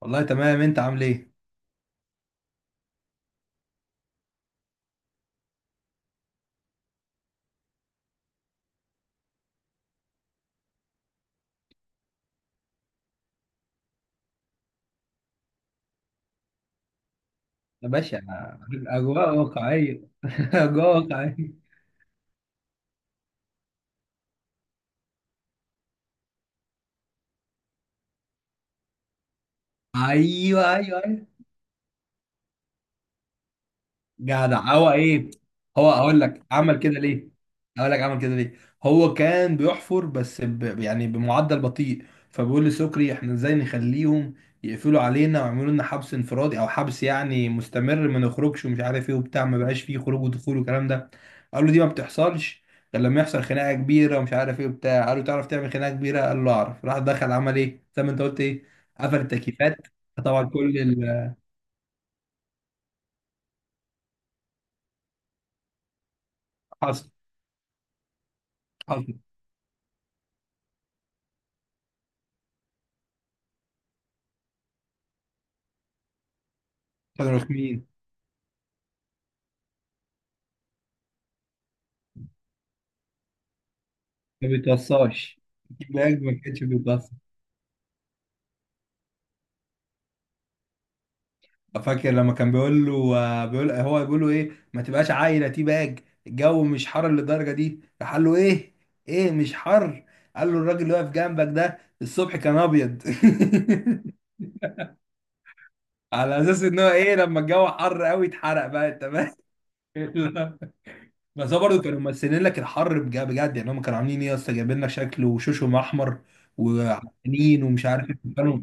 والله تمام. انت عامل ايه؟ يا باشا، اجواء واقعيه اجواء واقعيه. ايوه ايوه ايوه. جدع هو ايه. هو اقول لك عمل كده ليه اقول لك عمل كده ليه. هو كان بيحفر بس يعني بمعدل بطيء، فبيقول لسكري احنا ازاي نخليهم يقفلوا علينا ويعملوا لنا حبس انفرادي او حبس يعني مستمر، ما نخرجش ومش عارف ايه وبتاع، ما بقاش فيه خروج ودخول والكلام ده. قال له دي ما بتحصلش غير لما يحصل خناقه كبيره ومش عارف ايه وبتاع. قال له تعرف تعمل خناقه كبيره؟ قال له اعرف، راح دخل عمل ايه زي ما انت قلت؟ ايه، قفل التكييفات. فطبعا كل ال حصل حصل كانوا رخمين، ما بيتوصاش، الباك ما كانش بيتوصى. فاكر لما كان بيقول له، بيقول هو بيقول له ايه، ما تبقاش عايله تي باج، الجو مش حر للدرجه دي. راح قال له ايه؟ ايه مش حر؟ قال له الراجل اللي واقف جنبك ده الصبح كان ابيض. على اساس ان هو ايه، لما الجو حر قوي اتحرق بقى، انت فاهم. لا. بس هو برضه كانوا ممثلين لك الحر بجد بجد، يعني هم كانوا عاملين ايه يا اسطى، جايبين لك شكل وشوشهم احمر وعينين ومش عارف إيه. كانوا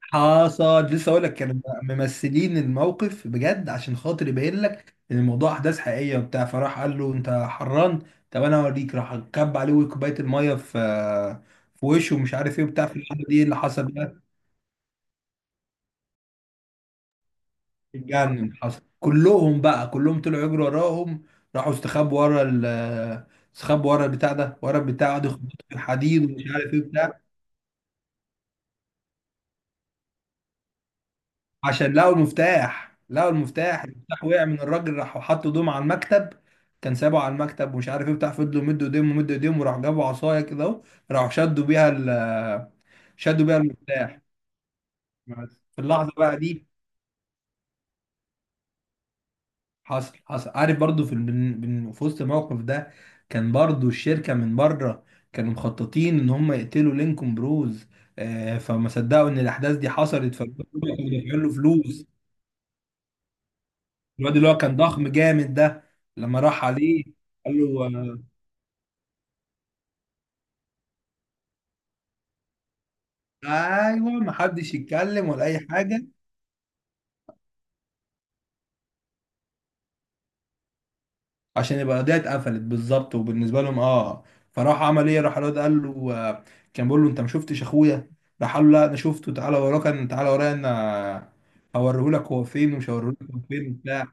حصل لسه اقول لك، كانوا ممثلين الموقف بجد عشان خاطر يبين لك ان الموضوع احداث حقيقيه وبتاع. فراح قال له انت حران، طب انا اوريك، راح كب عليه كوبايه الميه في في وشه ومش عارف ايه وبتاع. في اللحظه دي إيه اللي حصل بقى؟ اتجنن، حصل كلهم بقى، كلهم طلعوا يجروا وراهم. راحوا استخبوا ورا ال، استخبوا ورا البتاع ده ورا البتاع ده، خبطوا في الحديد ومش عارف ايه بتاع، عشان لقوا المفتاح. لقوا المفتاح، المفتاح وقع من الراجل. راحوا حطوا ايدهم على المكتب، كان سابه على المكتب ومش عارف ايه بتاع، فضلوا مدوا ايديهم ومدوا ايديهم، وراحوا جابوا عصايه كده اهو، راحوا شدوا بيها ال، شدوا بيها المفتاح. بس في اللحظه بقى دي، حصل حصل عارف برضو، في وسط الموقف ده كان برضو الشركه من بره، كانوا مخططين ان هم يقتلوا لينكولن بروز، فما صدقوا ان الاحداث دي حصلت، فكانوا دافعين له فلوس. الواد اللي هو كان ضخم جامد ده لما راح عليه قال له، آه، ايوه ما حدش يتكلم ولا اي حاجه عشان يبقى القضيه اتقفلت بالظبط وبالنسبه لهم، اه. فراح عمل ايه، راح الواد قال له، كان بيقول له انت ما شفتش اخويا؟ راح قال له لا انا شفته، تعالى وراه، كان تعالى ورايا انا هوريهولك هو فين، ومش هوريهولك هو فين وبتاع.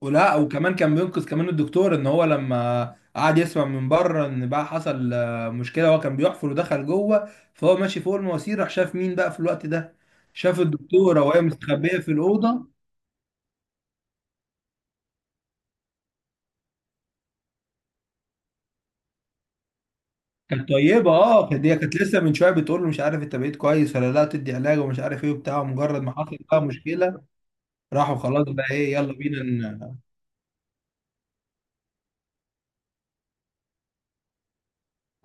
ولا وكمان كان بينقذ كمان الدكتور، ان هو لما قعد يسمع من بره ان بقى حصل مشكله، هو كان بيحفر ودخل جوه فهو ماشي فوق المواسير، راح شاف مين بقى في الوقت ده، شاف الدكتوره وهي مستخبيه في الاوضه. كانت طيبه، اه كانت، هي كانت لسه من شويه بتقول له مش عارف انت بقيت كويس ولا لا، تدي علاج ومش عارف ايه وبتاع، مجرد ما حصل بقى مشكله راحوا خلاص بقى ايه يلا بينا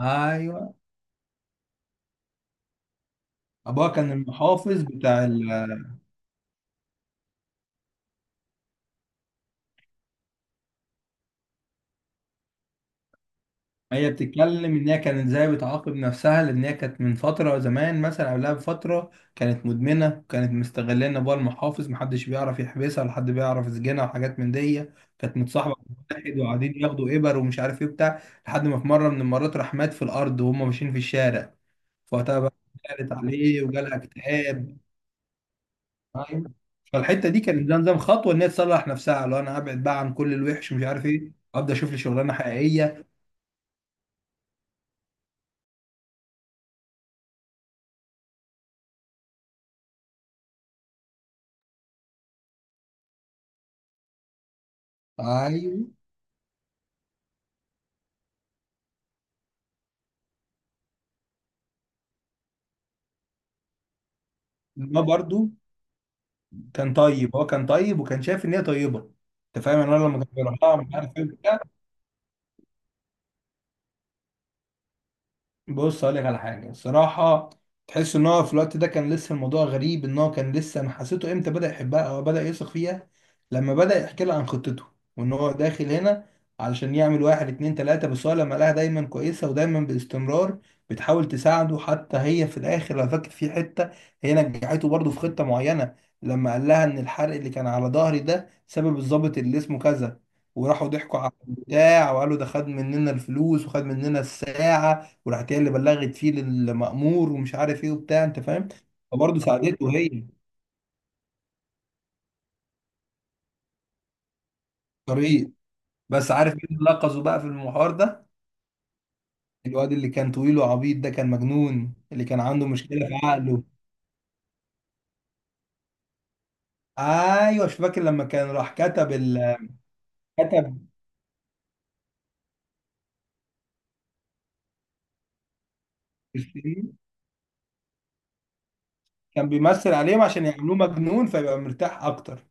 ايوه. ابوها كان المحافظ بتاع. هي بتتكلم ان هي كانت ازاي بتعاقب نفسها، لان هي كانت من فتره زمان مثلا، قبلها بفتره كانت مدمنه، وكانت مستغلاه ان ابوها المحافظ محدش بيعرف يحبسها ولا حد بيعرف يسجنها وحاجات من دي. كانت متصاحبه مع واحد وقاعدين ياخدوا ابر ومش عارف ايه بتاع، لحد ما في مره من المرات راح مات في الارض وهم ماشيين في الشارع. فوقتها بقى قالت عليه وجالها اكتئاب. أيوة. فالحته دي كانت زي نظام خطوه ان هي تصلح نفسها، لو انا ابعد بقى عن كل الوحش ومش عارف ايه ابدا، اشوف لي شغلانه حقيقيه. ايوه ما برضو كان طيب، هو كان طيب وكان شايف ان هي طيبه. انت فاهم، يعني انا لما كان بيروح لها مش عارف ايه وبتاع. بص هقول لك على حاجه الصراحه، تحس ان هو في الوقت ده كان لسه الموضوع غريب، ان هو كان لسه، انا حسيته امتى بدا يحبها او بدا يثق فيها؟ لما بدا يحكي لها عن خطته وان هو داخل هنا علشان يعمل واحد اتنين تلاته. بس هو لما لقاها دايما كويسه ودايما باستمرار بتحاول تساعده، حتى هي في الاخر لو فاكر في حته، هي نجحته برضه في خطه معينه. لما قال لها ان الحرق اللي كان على ظهري ده سبب الضابط اللي اسمه كذا، وراحوا ضحكوا على البتاع وقالوا ده خد مننا الفلوس وخد مننا الساعه، وراحت هي اللي بلغت فيه للمأمور ومش عارف ايه وبتاع، انت فاهم. فبرضه ساعدته هي، طريق. بس عارف مين اللي لقظه بقى في المحور ده؟ الواد اللي كان طويل وعبيط ده، كان مجنون اللي كان عنده مشكلة في عقله. ايوه مش فاكر لما كان راح كتب ال... كتب الفيلم، كان بيمثل عليهم عشان يعملوه مجنون فيبقى مرتاح اكتر.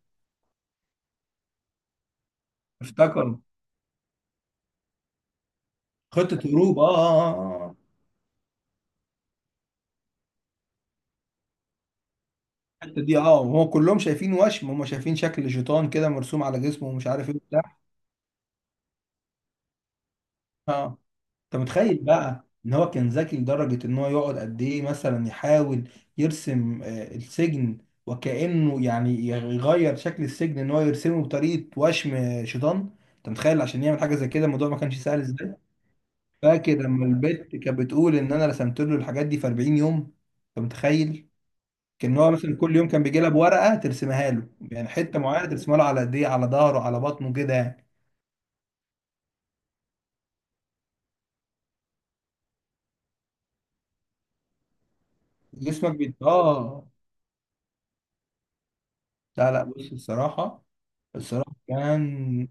افتكروا خطة هروب، اه اه اه. آه. آه، آه. الحته دي اه، وهو كلهم شايفين وشم، هم شايفين شكل شيطان كده مرسوم على جسمه ومش عارف ايه وبتاع، اه. انت متخيل بقى ان هو كان ذكي لدرجة ان هو يقعد قد ايه مثلا يحاول يرسم السجن، وكأنه يعني يغير شكل السجن ان هو يرسمه بطريقة وشم شيطان. انت متخيل، عشان يعمل حاجة زي كده الموضوع ما كانش سهل ازاي. فاكر لما البت كانت بتقول ان انا رسمت له الحاجات دي في 40 يوم؟ انت متخيل، كان هو مثلا كل يوم كان بيجي لها بورقة ترسمها له، يعني حتة معينة ترسمها له، على ايديه، على ظهره، على بطنه كده يعني، جسمك بيت اه. لا لا، بص الصراحة، الصراحة كان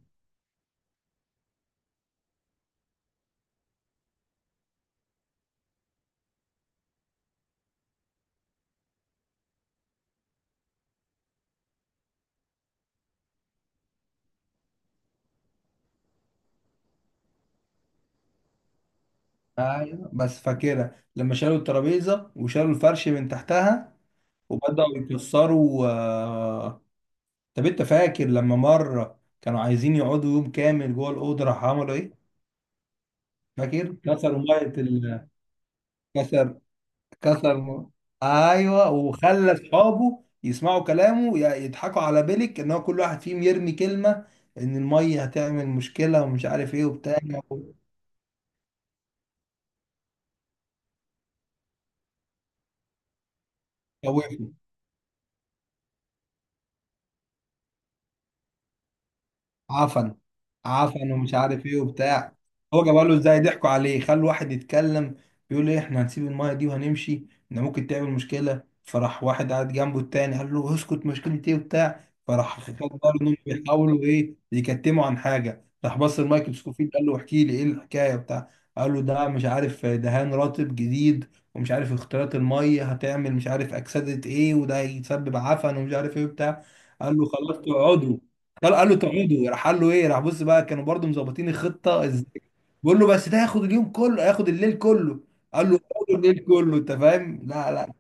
ايوه. بس فاكرها لما شالوا الترابيزه وشالوا الفرش من تحتها وبداوا يكسروا، طب انت فاكر لما مره كانوا عايزين يقعدوا يوم كامل جوه الاوضه راح عملوا ايه؟ فاكر كسروا ميه ال... كسر كسر م... ايوه. وخلى اصحابه يسمعوا كلامه يضحكوا على بيلك، ان هو كل واحد فيهم يرمي كلمه ان الميه هتعمل مشكله ومش عارف ايه وبتاع، وخوفه. عفن، عفن ومش عارف ايه وبتاع. هو جاب له ازاي؟ ضحكوا عليه، خلوا واحد يتكلم، بيقول ايه احنا هنسيب المايه دي وهنمشي، ان ممكن تعمل مشكله. فراح واحد قاعد جنبه التاني قال له اسكت، مشكله ايه وبتاع. فراح خد بالهم انهم بيحاولوا ايه، يكتموا عن حاجه. راح بص لمايكل سكوفيلد قال له احكي لي ايه الحكايه بتاع. قال له ده مش عارف دهان رطب جديد، ومش عارف اختلاط الميه هتعمل مش عارف اكسده ايه، وده هيسبب عفن ومش عارف ايه بتاع. قال له خلاص تقعدوا، قال له تقعدوا. راح قال له ايه؟ راح بص بقى، كانوا برضو مظبطين الخطه ازاي. بيقول له بس ده هياخد اليوم كله، هياخد الليل كله. قال له هياخد الليل كله، انت فاهم. لا لا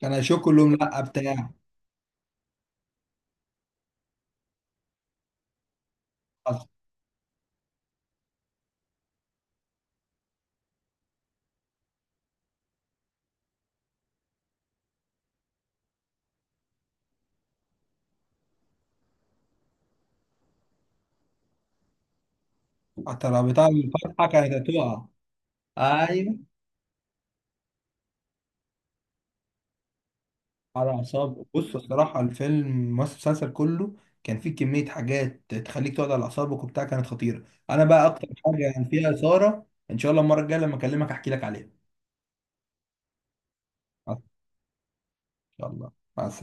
كان هيشك كلهم، لا بتاع. ترى بتاع الفتحه كانت هتقع. ايوه على اعصابه. بص الصراحه، الفيلم، بس المسلسل كله، كان فيه كميه حاجات تخليك تقعد على اعصابك وبتاع، كانت خطيره. انا بقى اكتر حاجه كان فيها اثاره، ان شاء الله المره الجايه لما اكلمك احكي لك عليها. ان شاء الله. مع السلامة.